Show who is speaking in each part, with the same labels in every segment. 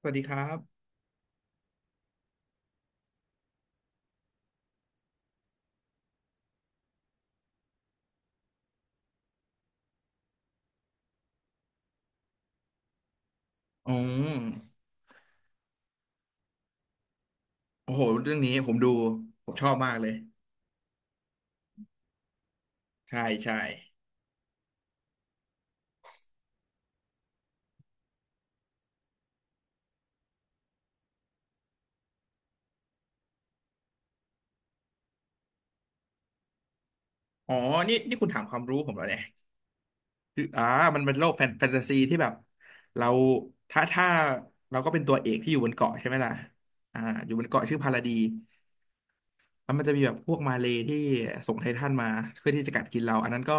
Speaker 1: สวัสดีครับ อ๋อโอ้โหเรื่องนี้ผมดูผมชอบมากเลย ใช่ใช่อ๋อ นี่นี่คุณถามความรู้ผมแล้วเนี่ยคือมันเป็นโลกแฟนตาซีที่แบบเราถ้าเราก็เป็นตัวเอกที่อยู่บนเกาะใช่ไหมล่ะอ่าอยู่บนเกาะชื่อพาราดีแล้วมันจะมีแบบพวกมาเลย์ที่ส่งไททันมาเพื่อที่จะกัดกินเรา อันนั้นก็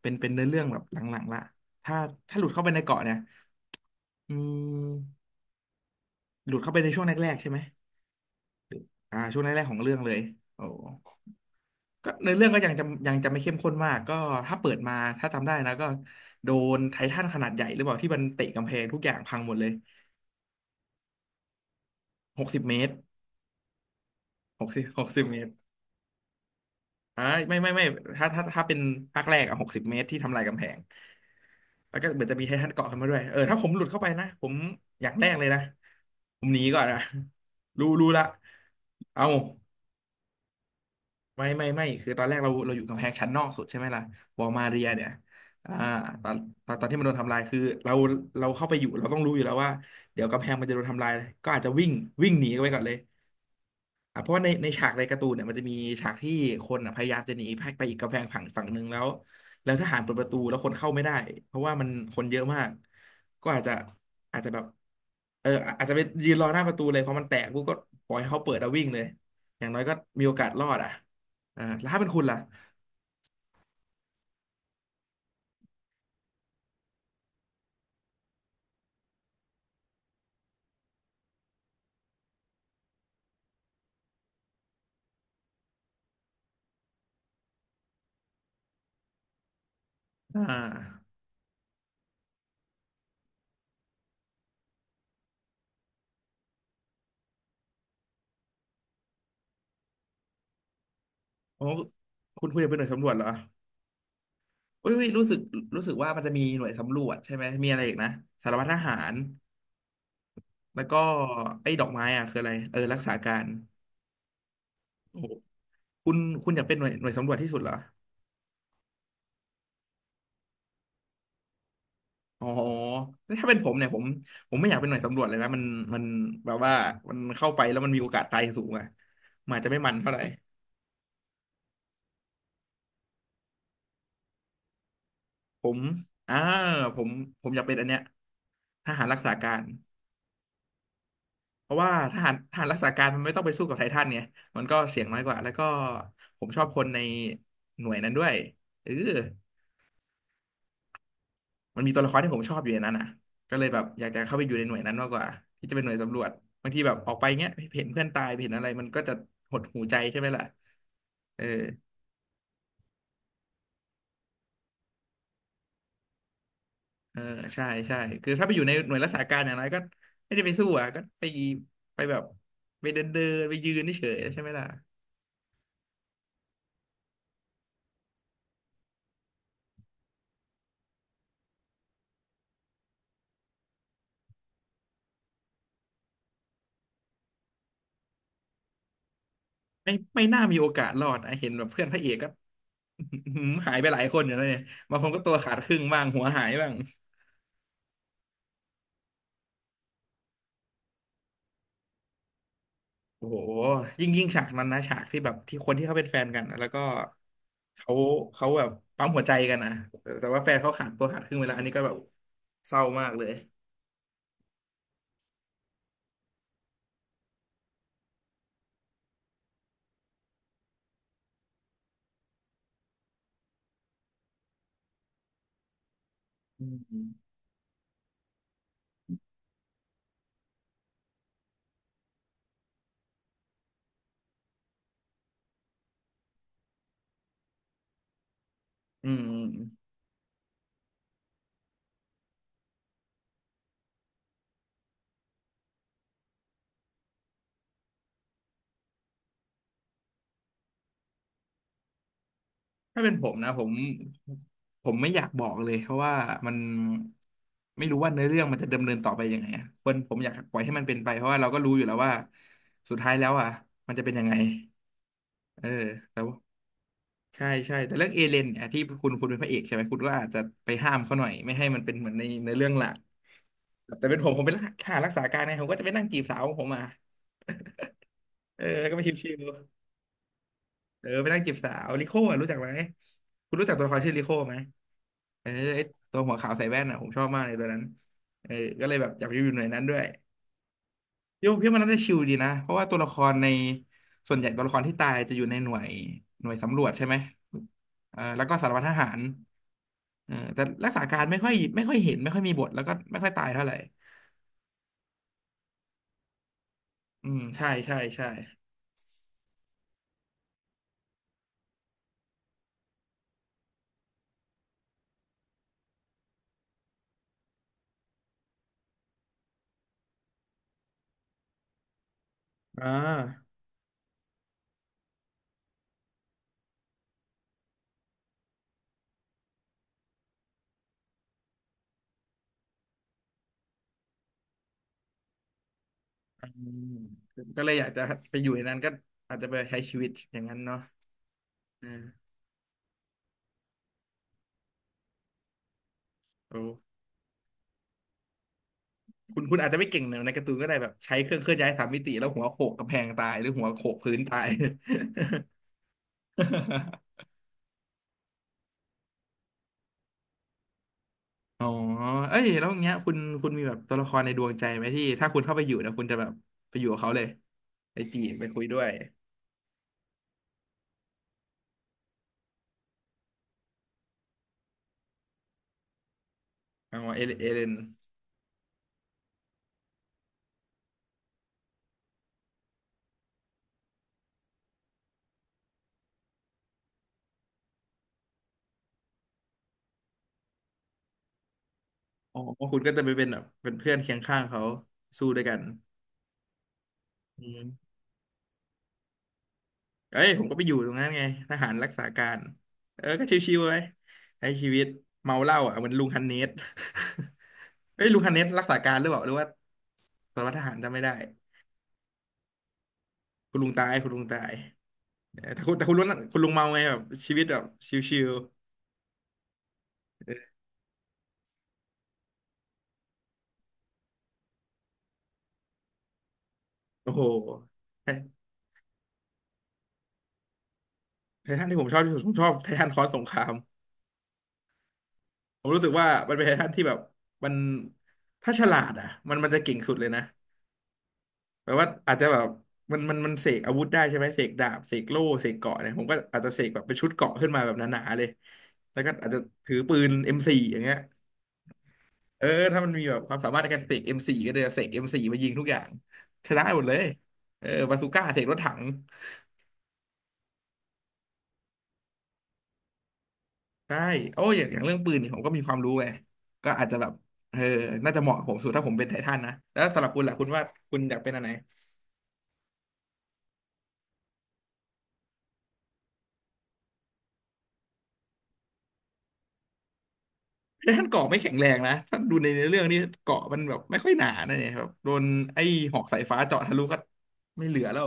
Speaker 1: เป็นเนื้อเรื่องแบบหลังๆละถ้าถ้าหลุดเข้าไปในเกาะเนี่ยอืมหลุดเข้าไปในช่วงแรกๆใช่ไหมช่วงแรกๆของเรื่องเลยโอ้ ก็ในอเรื่องก็ยังจะไม่เข้มข้นมากก็ถ้าเปิดมาถ้าจำได้นะก็โดนไททันขนาดใหญ่หรือเปล่าที่มันเตะกำแพงทุกอย่างพังหมดเลยหกสิบเมตรหกสิบเมตรอ่าไม่ไม่ไม่ถ้าเป็นภาคแรกอะหกสิบเมตรที่ทำลายกำแพงแล้วก็เหมือนจะมีไททันเกาะขึ้นมาด้วยเออถ้าผมหลุดเข้าไปนะผมอย่างแรกเลยนะผมหนีก่อนนะรู้ละเอา ไม่ไม่ไม่คือตอนแรกเราอยู่กำแพงชั้นนอกสุดใช่ไหมล่ะวอลมาเรียเนี่ยอ่าตอนตอนที่มันโดนทำลายคือเราเราเข้าไปอยู่เราต้องรู้อยู่แล้วว่าเดี๋ยวกำแพงมันจะโดนทำลายก็อาจจะวิ่งวิ่งหนีกันไปก่อนเลย อ่ะเพราะว่าในฉากในการ์ตูนเนี่ยมันจะมีฉากที่คนอ่ะพยายามจะหนีไปอีกกำแพงฝั่งหนึ่งแล้วแล้วทหารเปิดประตูแล้วคนเข้าไม่ได้เพราะว่ามันคนเยอะมากก็อาจจะแบบเอออาจจะไปยืนรอหน้าประตูเลยเพราะมันแตกปุ๊บก็ปล่อยให้เขาเปิดแล้ววิ่งเลยอย่างน้อยก็มีโอกาสรอดอ่ะแล้วถ้าเป็นคุณล่ะอ่าโอ้คุณจะเป็นหน่วยสำรวจเหรออุ้ยอุ๊ยรู้สึกว่ามันจะมีหน่วยสำรวจใช่ไหมมีอะไรอีกนะสารวัตรทหารแล้วก็ไอ้ดอกไม้อ่ะคืออะไรเออรักษาการ โอ้โหคุณคุณอยากเป็นหน่วยสำรวจที่สุดเหรออ๋อถ้าเป็นผมเนี่ยผมไม่อยากเป็นหน่วยสำรวจเลยนะมันแบบว่ามันเข้าไปแล้วมันมีโอกาสตายสูงอะมนอาจจะไม่มันเท่าไหร่ผมอ่าผมผมอยากเป็นอันเนี้ยทหารรักษาการเพราะว่าทหารรักษาการมันไม่ต้องไปสู้กับไททันไงมันก็เสี่ยงน้อยกว่า แล้วก็ผมชอบคนในหน่วยนั้นด้วยเออ มันมีตัวละครที่ผมชอบอยู่ในนั้นอ่ะก็เลยแบบอยากจะเข้าไปอยู่ในหน่วยนั้นมากกว่าที่จะเป็นหน่วยสำรวจบางทีแบบออกไปเงี้ยเห็นเพื่อนตายเห็นอะไรมันก็จะหดหูใจใช่ไหมล่ะเออเออใช่ใช่คือถ้าไปอยู่ในหน่วยรักษาการอย่างไรก็ไม่ได้ไปสู้อ่ะก็ไปแบบไปเดินเดินไปยืนเฉยๆใช่ไหมล่ะไม่ไม่น่ามีโอกาสรอดนะเห็นแบบเพื่อนพระเอกก็ หายไปหลายคนอยู่แล้วเนี่ยบางคนก็ตัวขาดครึ่งบ้างหัวหายบ้าง โอ้โหยิ่งฉากนั้นนะฉากที่แบบที่คนที่เขาเป็นแฟนกันนะแล้วก็เขาเขาแบบปั๊มหัวใจกันนะแต่ว่าแฟนเขาขาดตัวขาดครึ่งเวลาอันนี้ก็แบบเศร้ามากเลยอืมอืมถ้าเป็นผมนะผมไม่อยากบอกเลยเพราะว่ามันไม่รู้ว่าเนื้อเรื่องมันจะดำเนินต่อไปยังไงอะคนผมอยากปล่อยให้มันเป็นไปเพราะว่าเราก็รู้อยู่แล้วว่าสุดท้ายแล้วอ่ะมันจะเป็นยังไงเออแล้ว ใช่ใช่แต่เรื่องเอเลนเนี่ยที่คุณเป็นพระเอกใช่ไหมคุณก็อาจจะไปห้ามเขาหน่อยไม่ให้มันเป็นเหมือนในเรื่องหลักแต่เป็นผมผมเป็นทหารรักษาการเนผมก็จะไปนั่งจีบสาวของผมมาเออแล้วก็ไปชิวๆเออไปนั่งจีบสาวลิโก้อะรู้จักไหมคุณรู้จักตัวละครชื่อลิโก้ไหมเออไอตัวหัวขาวใส่แว่นอ่ะผมชอบมากเลยตัวนั้นเออก็เลยแบบอยากไปอยู่หน่วยนั้นด้วยพี่ว่ามันน่าจะชิลดีนะเพราะว่าตัวละครในส่วนใหญ่ตัวละครที่ตายจะอยู่ในหน่วยสำรวจใช่ไหมเออแล้วก็สารวัตรทหาร เออแต่รักษาการไม่ค่อยเห็นไม่ค่อยมีบทแล้วก็ไม่ค่อยตายเท่าไหร่อืมใช่ใช่ใช่อ่าอืมก็เลยอยากจะไปอยู่ในนั้นก็อาจจะไปใช้ชีวิตอย่างนั้นเนาะเออโอ้คุณอาจจะไม่เก่งในการ์ตูนก็ได้แบบใช้เครื่องเคลื่อนย้ายสามมิติแล้วหัวโขกกำแพงตายหรือหัวโขกพื้นตาย อ๋อเอ้ยแล้วอย่างเงี้ยคุณมีแบบตัวละครในดวงใจไหมที่ถ้าคุณเข้าไปอยู่นะคุณจะแบบไปอยู่กับเขาเลยไปจีบไปคุยด้วยอ๋อเอเลเอเลน อ๋อคุณก็จะไปเป็นแบบเป็นเพื่อนเคียงข้างเขาสู้ด้วยกันอืมเอ้ยผมก็ไปอยู่ตรงนั้นไงทหารรักษาการเออก็ชิวๆไว้ใช้ชีวิตเมาเหล้าอ่ะเหมือนลุงฮันเนส เอ้ยลุงฮันเนสรักษาการหรือเปล่าหรือว่าสารวัตรทหารจำไม่ได้คุณลุงตายเออแต่คุณแต่คุณลุงคุณลุงเมาไงแบบชีวิตแบบชิวๆเออโอ้โหไทไททันที่ผมชอบที่สุดผมชอบไททันคอร์สสงครามผมรู้สึกว่ามันเป็นไททันที่แบบมันถ้าฉลาดอ่ะมันจะเก่งสุดเลยนะ แปลว่าอาจจะแบบมันเสกอาวุธได้ใช่ไหมเสกดาบเสกโล่เสกเกราะเนี่ยผมก็อาจจะเสกแบบเป็นชุดเกราะขึ้นมาแบบหนาๆเลยแล้วก็อาจจะถือปืน M4 อมโฟร์อย่างเงี้ยเออถ้ามันมีแบบความสามารถในการเสก M4 ก็เลยเสก M4 มโฟร์มายิงทุกอย่างชนะหมดเลยเออบาซูก้าเสกรถถังได้โอ้ยอย่างเรื่องปืนนี่ผมก็มีความรู้ไงก็อาจจะแบบเออน่าจะเหมาะกับผมสุดถ้าผมเป็นไททันนะแล้วสำหรับคุณล่ะคุณว่าคุณอยากเป็นอะไร แล้วท่านเกาะไม่แข็งแรงนะท่านดูในเนื้อเรื่องนี่เกาะมันแบบไม่ค่อยหนานะเนี่ยครับโดนไอ้หอกสายฟ้าเจาะทะลุก็ไม่เหลือแล้ว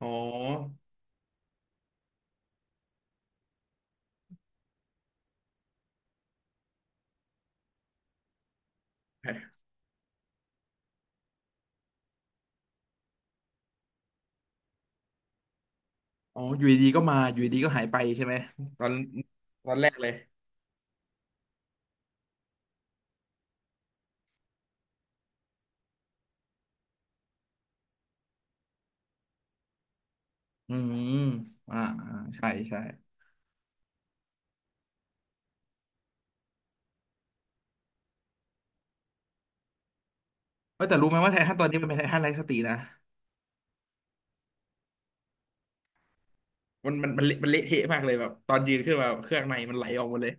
Speaker 1: อ๋ออ๋ออยู่ดีๆก็มาอยู่ดีๆก็หายไปใช่ไหมตอนตอนแรกเลยอืมอ่าอ่าใช่ใช่เอ้ยแต่รู้ไหมว่าไททันตอนนี้มันเป็นไททันไร้สตินะมันเละมันเละเทะมากเลยแบบตอนยืนขึ้นมาเครื่องในมันไหลออกหมดเลย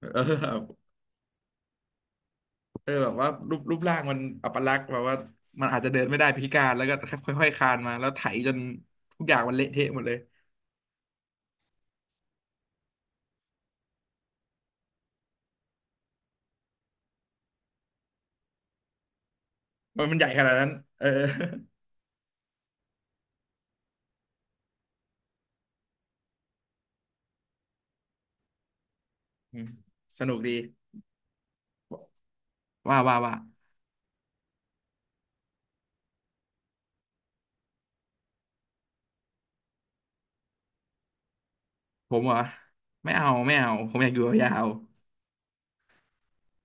Speaker 1: เออ เออแบบว่ารูปร่างมันอัปลักษณ์แบบว่ามันอาจจะเดินไม่ได้พิการแล้วก็ค่อยๆคลานมาแล้วไถจนทุกอย่างมันเละเทะหมดเลยมันใหญ่ขนาดนั้นเออ อืมสนุกดีว่าผมเหรอไม่เอาผมอยากอยู่ยาว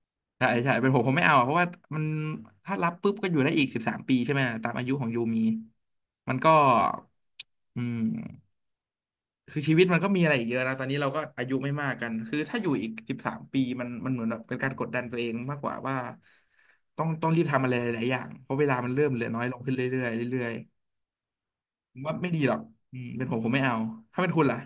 Speaker 1: ๆใช่ใช่เป็นผมไม่เอาอะเพราะว่ามันถ้ารับปุ๊บก็อยู่ได้อีกสิบสามปีใช่ไหมล่ะตามอายุของยูมีมันก็อืม คือชีวิตมันก็มีอะไรอีกเยอะนะตอนนี้เราก็อายุไม่มากกันคือถ้าอยู่อีกสิบสามปีมันเหมือนแบบเป็นการกดดันตัวเองมากกว่าว่าต้องรีบทำอะไรหลายๆอย่างเพราะเวลามันเริ่มเหลือน้อยลงขึ้นเรื่อยๆเรื่อยๆผมว่าไม่ดีหรอกอืมเป็นผมไม่เอาถ้าเป็นคุณล่ะ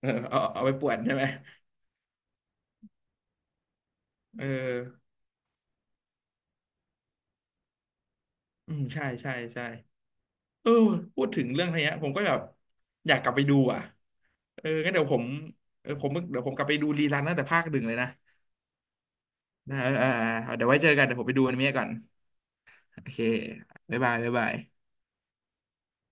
Speaker 1: เออเอาไปป่วนใช่ไหมเอออืมใช่ใช่ใช่เออพูดถึงเรื่องเนี้ยผมก็แบบอยากกลับไปดูอ่ะเอองั้นเดี๋ยวผมเออผมเดี๋ยวผมกลับไปดูรีรันตั้งแต่ภาคหนึ่งเลยนะนะเออเออเออเดี๋ยวไว้เจอกันเดี๋ยวผมไปดูอนิเมะก่อน โอเคบ๊ายบายบ๊ายบาย